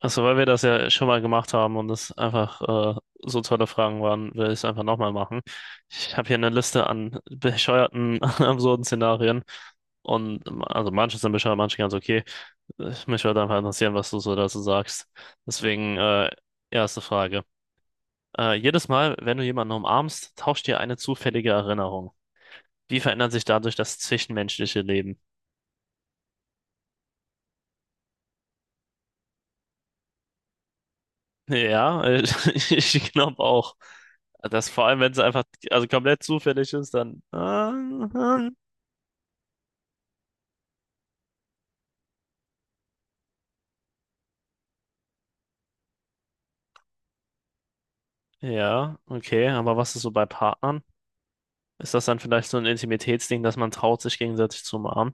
Also, weil wir das ja schon mal gemacht haben und es einfach so tolle Fragen waren, will ich es einfach nochmal machen. Ich habe hier eine Liste an bescheuerten, an absurden Szenarien. Und also manche sind bescheuert, manche ganz okay. Mich würde einfach interessieren, was du so dazu sagst. Deswegen, erste Frage. Jedes Mal, wenn du jemanden umarmst, tauscht dir eine zufällige Erinnerung. Wie verändert sich dadurch das zwischenmenschliche Leben? Ja, ich glaube auch. Das vor allem, wenn es einfach also komplett zufällig ist, dann. Ja, okay, aber was ist so bei Partnern? Ist das dann vielleicht so ein Intimitätsding, dass man traut, sich gegenseitig zu umarmen?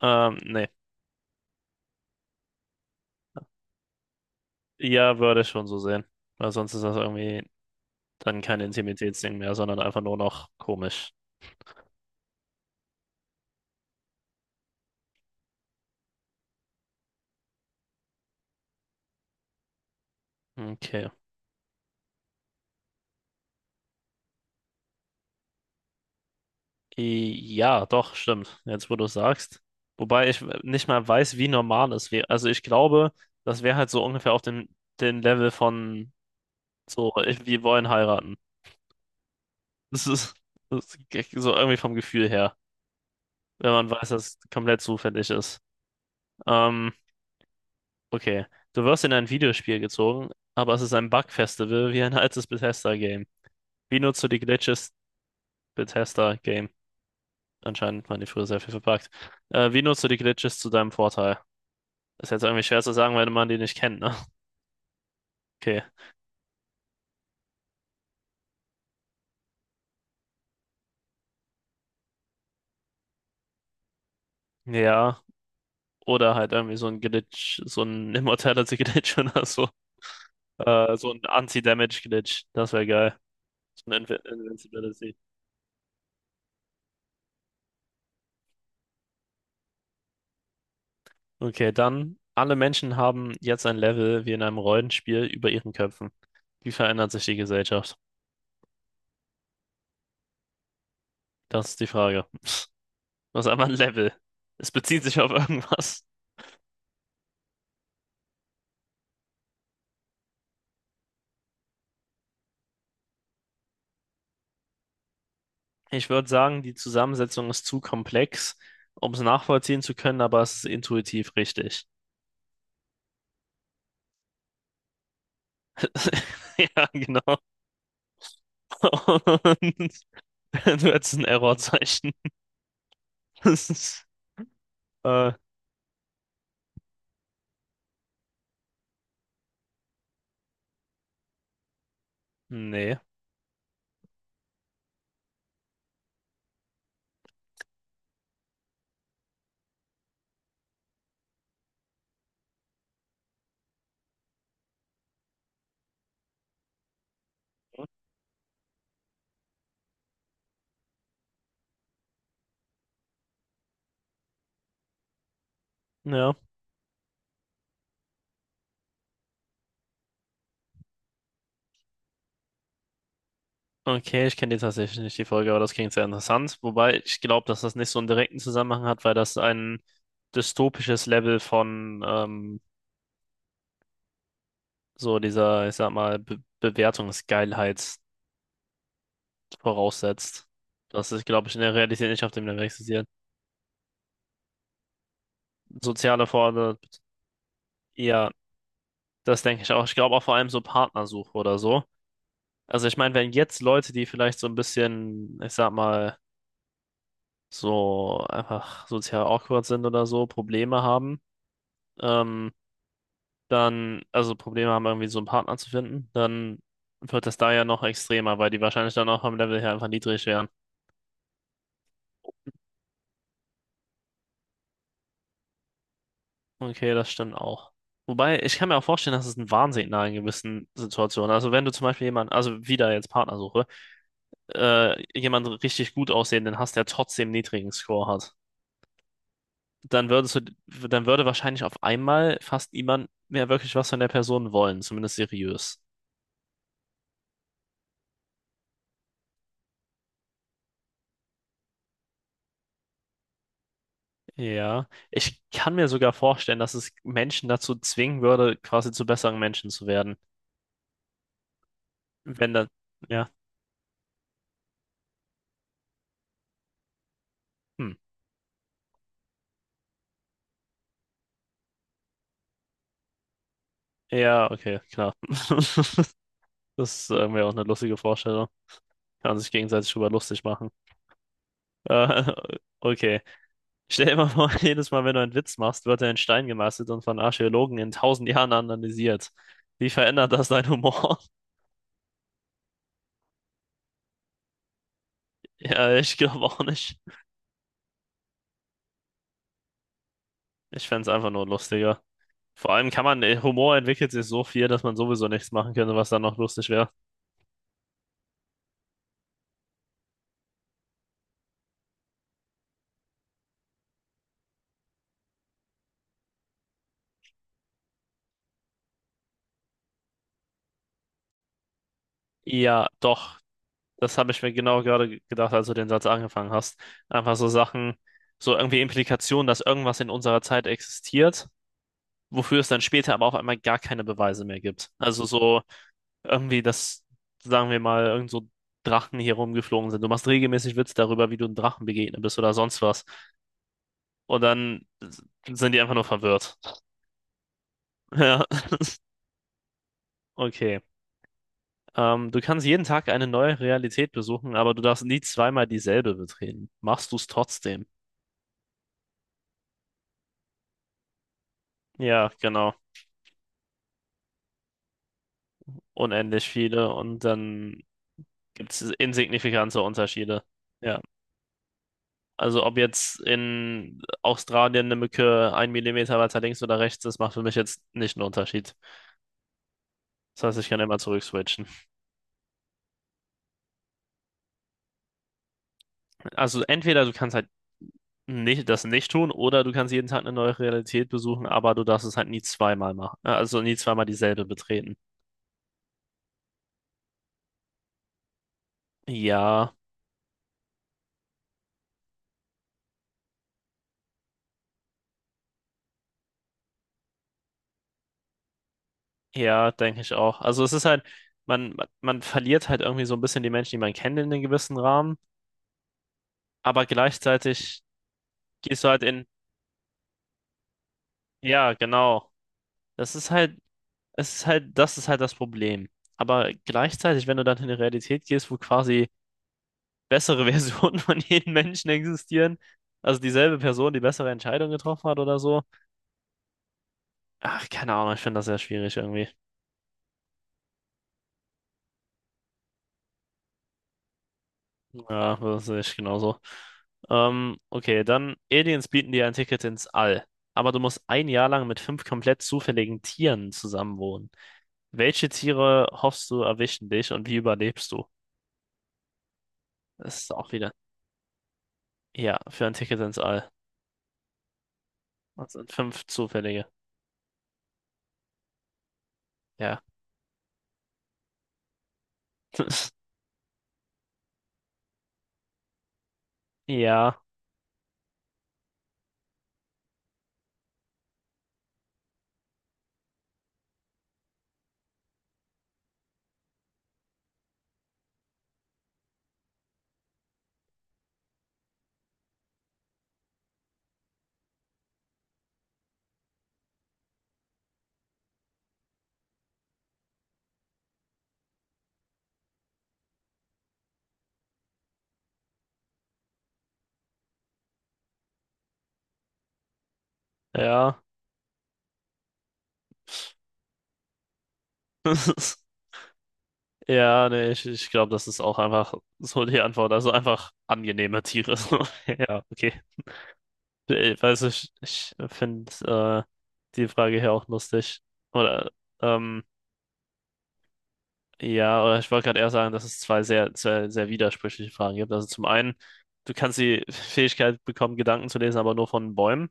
Nee. Ja, würde ich schon so sehen. Weil sonst ist das irgendwie dann kein Intimitätsding mehr, sondern einfach nur noch komisch. Okay. Ja, doch, stimmt. Jetzt, wo du es sagst. Wobei ich nicht mal weiß, wie normal es wäre. Also ich glaube, das wäre halt so ungefähr auf dem Level von so, wir wollen heiraten. Das ist, das ist so irgendwie vom Gefühl her, wenn man weiß, dass es komplett zufällig ist. Ähm, okay. Du wirst in ein Videospiel gezogen, aber es ist ein Bug-Festival wie ein altes Bethesda-Game. Wie nutzt du die Glitches Bethesda-Game? Anscheinend waren die früher sehr viel verpackt. Wie nutzt du die Glitches zu deinem Vorteil? Ist jetzt irgendwie schwer zu sagen, weil man die nicht kennt, ne? Okay. Ja. Oder halt irgendwie so ein Glitch, so ein Immortality-Glitch oder so. So ein Anti-Damage-Glitch. Das wäre geil. So ein Invincibility. Okay, dann. Alle Menschen haben jetzt ein Level wie in einem Rollenspiel über ihren Köpfen. Wie verändert sich die Gesellschaft? Das ist die Frage. Was ist einmal ein Level? Es bezieht sich auf irgendwas. Ich würde sagen, die Zusammensetzung ist zu komplex, um es nachvollziehen zu können, aber es ist intuitiv richtig. Ja, genau. Und du hättest ein Errorzeichen. Das ist, äh, nee. Ja. Okay, ich kenne die tatsächlich nicht, die Folge, aber das klingt sehr interessant. Wobei ich glaube, dass das nicht so einen direkten Zusammenhang hat, weil das ein dystopisches Level von so dieser, ich sag mal, Be Bewertungsgeilheit voraussetzt. Das ist, glaube ich, in der Realität nicht auf dem Level existiert. Soziale Forderungen, ja, das denke ich auch. Ich glaube auch vor allem so Partnersuche oder so. Also ich meine, wenn jetzt Leute, die vielleicht so ein bisschen, ich sag mal, so einfach sozial awkward sind oder so, Probleme haben, ähm, dann, also Probleme haben, irgendwie so einen Partner zu finden, dann wird das da ja noch extremer, weil die wahrscheinlich dann auch vom Level her einfach niedrig wären. Okay, das stimmt auch. Wobei, ich kann mir auch vorstellen, dass es ein Warnsignal in gewissen Situationen. Also wenn du zum Beispiel jemanden, also wieder jetzt Partnersuche, jemanden richtig gut aussehenden hast, der trotzdem niedrigen Score hat. dann würdest du, dann würde wahrscheinlich auf einmal fast niemand mehr wirklich was von der Person wollen, zumindest seriös. Ja, ich kann mir sogar vorstellen, dass es Menschen dazu zwingen würde, quasi zu besseren Menschen zu werden. Wenn dann, ja, hm. Ja, okay, klar. Das ist irgendwie auch eine lustige Vorstellung. Kann man sich gegenseitig drüber lustig machen. Äh, okay. Stell dir mal vor, jedes Mal, wenn du einen Witz machst, wird er in Stein gemeißelt und von Archäologen in 1.000 Jahren analysiert. Wie verändert das deinen Humor? Ja, ich glaube auch nicht. Ich fände es einfach nur lustiger. Vor allem kann man, Humor entwickelt sich so viel, dass man sowieso nichts machen könnte, was dann noch lustig wäre. Ja, doch. Das habe ich mir genau gerade gedacht, als du den Satz angefangen hast. Einfach so Sachen, so irgendwie Implikationen, dass irgendwas in unserer Zeit existiert, wofür es dann später aber auf einmal gar keine Beweise mehr gibt. Also so irgendwie, dass, sagen wir mal, irgend so Drachen hier rumgeflogen sind. Du machst regelmäßig Witze darüber, wie du einem Drachen begegnet bist oder sonst was. Und dann sind die einfach nur verwirrt. Ja, okay. Du kannst jeden Tag eine neue Realität besuchen, aber du darfst nie zweimal dieselbe betreten. Machst du es trotzdem? Ja, genau. Unendlich viele und dann gibt es insignifikante Unterschiede. Ja, also ob jetzt in Australien eine Mücke ein Millimeter weiter links oder rechts ist, macht für mich jetzt nicht einen Unterschied. Das heißt, ich kann immer zurückswitchen. Also entweder du kannst halt nicht, das nicht tun oder du kannst jeden Tag eine neue Realität besuchen, aber du darfst es halt nie zweimal machen. Also nie zweimal dieselbe betreten. Ja, ja, denke ich auch. Also es ist halt, man verliert halt irgendwie so ein bisschen die Menschen, die man kennt in einem gewissen Rahmen, aber gleichzeitig gehst du halt in, ja, genau. Das ist halt, es ist halt das Problem. Aber gleichzeitig, wenn du dann in die Realität gehst, wo quasi bessere Versionen von jedem Menschen existieren, also dieselbe Person, die bessere Entscheidung getroffen hat oder so, ach, keine Ahnung, ich finde das sehr schwierig irgendwie. Ja, das sehe ich genauso. Okay, dann Aliens bieten dir ein Ticket ins All, aber du musst ein Jahr lang mit fünf komplett zufälligen Tieren zusammenwohnen. Welche Tiere hoffst du erwischen dich und wie überlebst du? Das ist auch wieder. Ja, für ein Ticket ins All. Das sind fünf zufällige. Ja. Ja, ja. Ja, nee, ich glaube, das ist auch einfach so die Antwort. Also einfach angenehme Tiere. So. Ja, okay. Ich weiß nicht, ich finde äh, die Frage hier auch lustig. Oder, ähm, ja, oder ich wollte gerade eher sagen, dass es zwei sehr, sehr, sehr widersprüchliche Fragen gibt. Also zum einen, du kannst die Fähigkeit bekommen, Gedanken zu lesen, aber nur von Bäumen.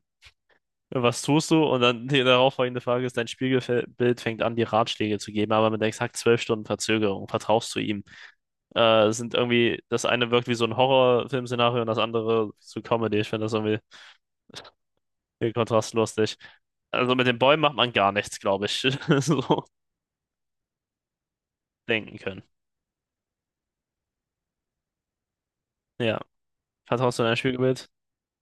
Was tust du? Und dann die darauffolgende Frage ist, dein Spiegelbild fängt an, dir Ratschläge zu geben, aber mit exakt 12 Stunden Verzögerung vertraust du ihm. Sind irgendwie, das eine wirkt wie so ein Horrorfilmszenario und das andere so Comedy. Ich finde das irgendwie den Kontrast lustig. Also mit den Bäumen macht man gar nichts, glaube ich. So denken können. Ja. Vertraust du dein Spiegelbild?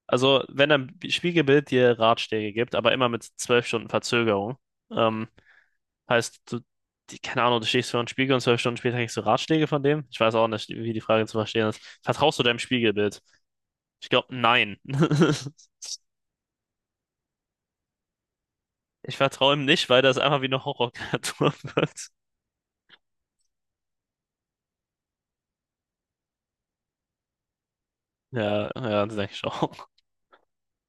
Also, wenn dein Spiegelbild dir Ratschläge gibt, aber immer mit 12 Stunden Verzögerung, ähm, heißt, du, die, keine Ahnung, du stehst vor einem Spiegel und 12 Stunden später kriegst du Ratschläge von dem? Ich weiß auch nicht, wie die Frage zu verstehen ist. Vertraust du deinem Spiegelbild? Ich glaube, nein. Ich vertraue ihm nicht, weil das einfach wie eine Horrorkreatur wird. Ja, ja, das denke ich schon.